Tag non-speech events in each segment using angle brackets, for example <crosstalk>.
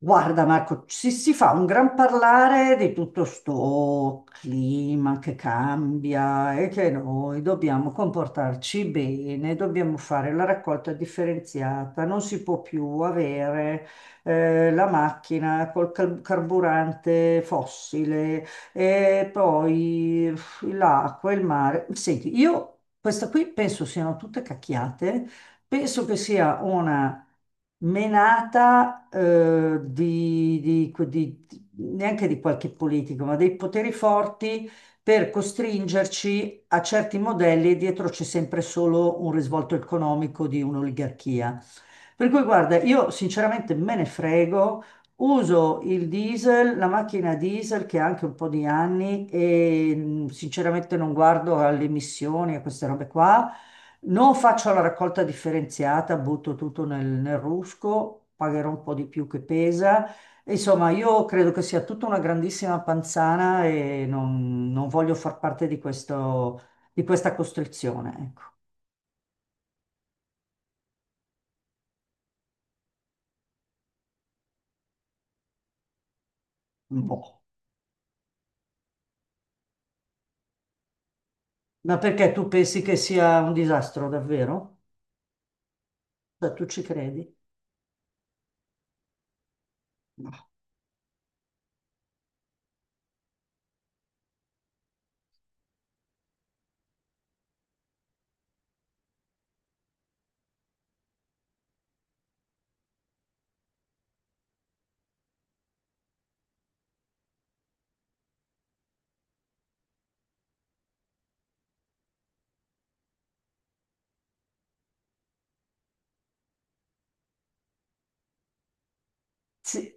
Guarda Marco, si fa un gran parlare di tutto sto clima che cambia e che noi dobbiamo comportarci bene, dobbiamo fare la raccolta differenziata, non si può più avere la macchina carburante fossile e poi l'acqua, il mare. Senti, io questa qui penso siano tutte cacchiate, penso che sia una menata, neanche di qualche politico, ma dei poteri forti per costringerci a certi modelli e dietro c'è sempre solo un risvolto economico di un'oligarchia. Per cui guarda, io sinceramente me ne frego, uso il diesel, la macchina diesel che ha anche un po' di anni e, sinceramente non guardo alle emissioni, a queste robe qua. Non faccio la raccolta differenziata, butto tutto nel rusco, pagherò un po' di più che pesa. Insomma, io credo che sia tutta una grandissima panzana e non voglio far parte di questo, di questa costrizione, ecco. Boh. Ma perché tu pensi che sia un disastro, davvero? Cioè, tu ci credi? No. Sì,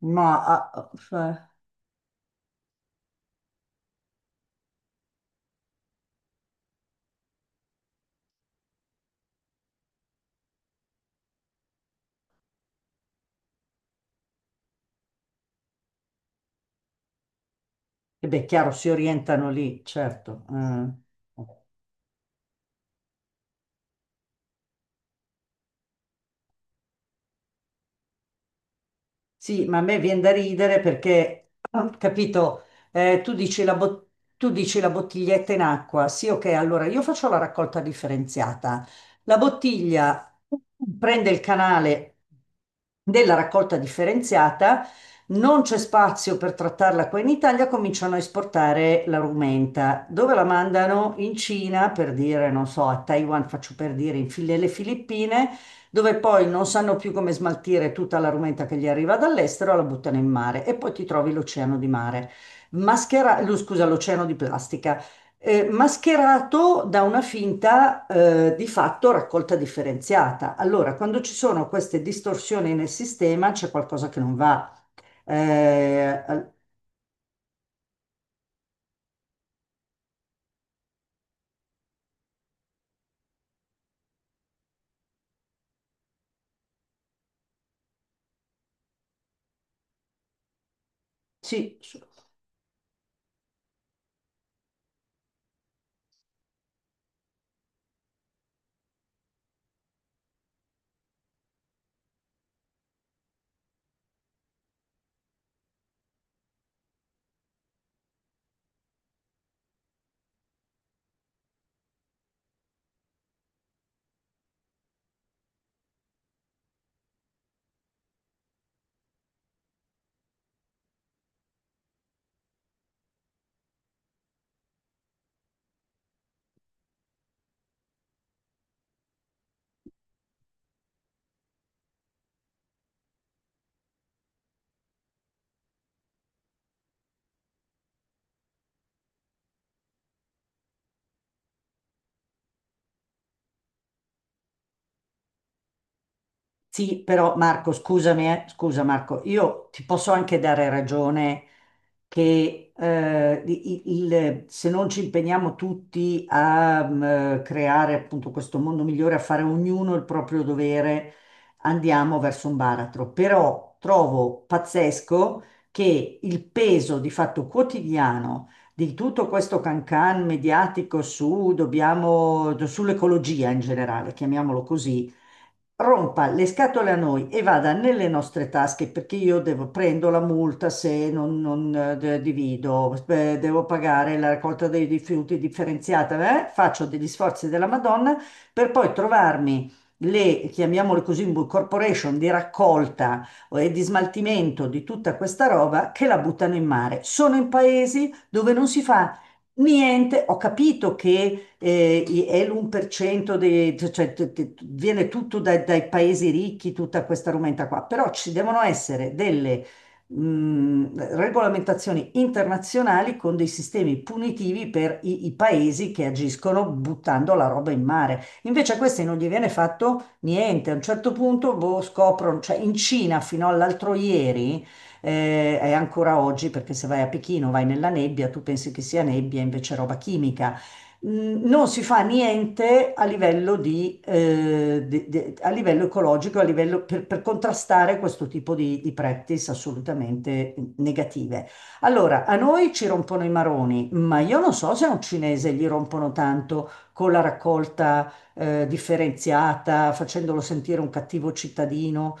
ma... ah, e beh, chiaro, si orientano lì, certo. Eh. Sì, ma a me viene da ridere perché, <clears throat> ah, capito, eh, tu dici la bot- tu dici la bottiglietta in acqua. Sì, ok, allora io faccio la raccolta differenziata. La bottiglia prende il canale della raccolta differenziata, non c'è spazio per trattarla qua in Italia, cominciano a esportare la rumenta. Dove la mandano? In Cina, per dire, non so, a Taiwan, faccio per dire, le Filippine dove poi non sanno più come smaltire tutta la rumenta che gli arriva dall'estero, la buttano in mare e poi ti trovi l'oceano di mare, scusa, l'oceano di plastica, mascherato da una finta, di fatto raccolta differenziata. Allora, quando ci sono queste distorsioni nel sistema, c'è qualcosa che non va. Eh, sì. Sì, però Marco, scusami, scusa Marco, io ti posso anche dare ragione che se non ci impegniamo tutti a, creare appunto questo mondo migliore, a fare ognuno il proprio dovere, andiamo verso un baratro. Però trovo pazzesco che il peso di fatto quotidiano di tutto questo cancan mediatico su, dobbiamo, sull'ecologia in generale, chiamiamolo così, rompa le scatole a noi e vada nelle nostre tasche perché io devo, prendo la multa se non, divido, devo pagare la raccolta dei rifiuti differenziata, faccio degli sforzi della Madonna per poi trovarmi le, chiamiamole così, corporation di raccolta e di smaltimento di tutta questa roba che la buttano in mare. Sono in paesi dove non si fa niente, ho capito che è l'1% dei, cioè, viene tutto dai paesi ricchi, tutta questa rumenta qua, però ci devono essere delle, regolamentazioni internazionali con dei sistemi punitivi per i paesi che agiscono buttando la roba in mare. Invece a questi non gli viene fatto niente. A un certo punto boh, scoprono, cioè in Cina fino all'altro ieri, e ancora oggi, perché se vai a Pechino, vai nella nebbia, tu pensi che sia nebbia, invece è roba chimica, non si fa niente a livello di, a livello ecologico, a livello per contrastare questo tipo di practice assolutamente negative. Allora, a noi ci rompono i maroni, ma io non so se a un cinese gli rompono tanto con la raccolta, differenziata, facendolo sentire un cattivo cittadino.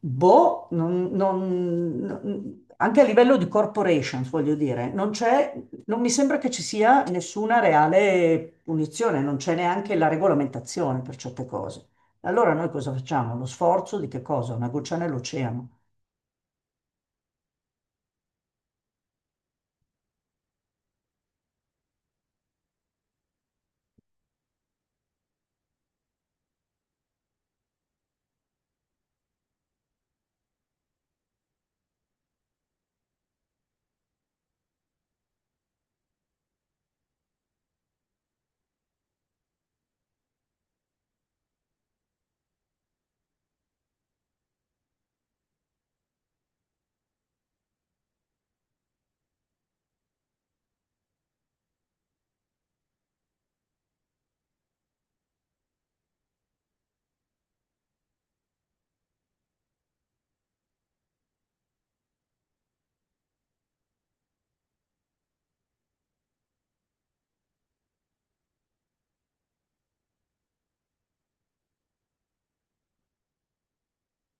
Boh, anche a livello di corporations, voglio dire, non mi sembra che ci sia nessuna reale punizione, non c'è neanche la regolamentazione per certe cose. Allora noi cosa facciamo? Lo sforzo di che cosa? Una goccia nell'oceano.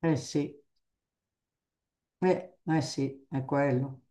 Eh sì, eh sì, è quello.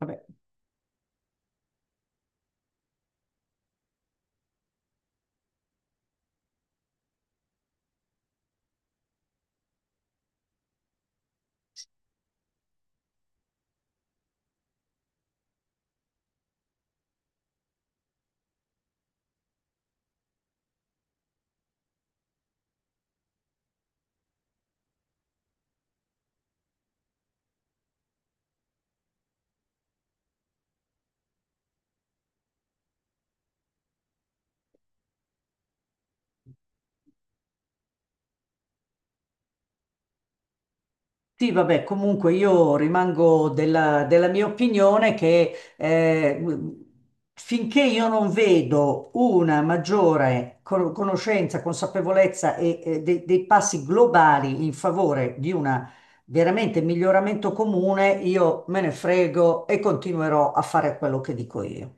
Vabbè. Sì, vabbè, comunque io rimango della, della mia opinione che finché io non vedo una maggiore conoscenza, consapevolezza e dei, dei passi globali in favore di un veramente miglioramento comune, io me ne frego e continuerò a fare quello che dico io.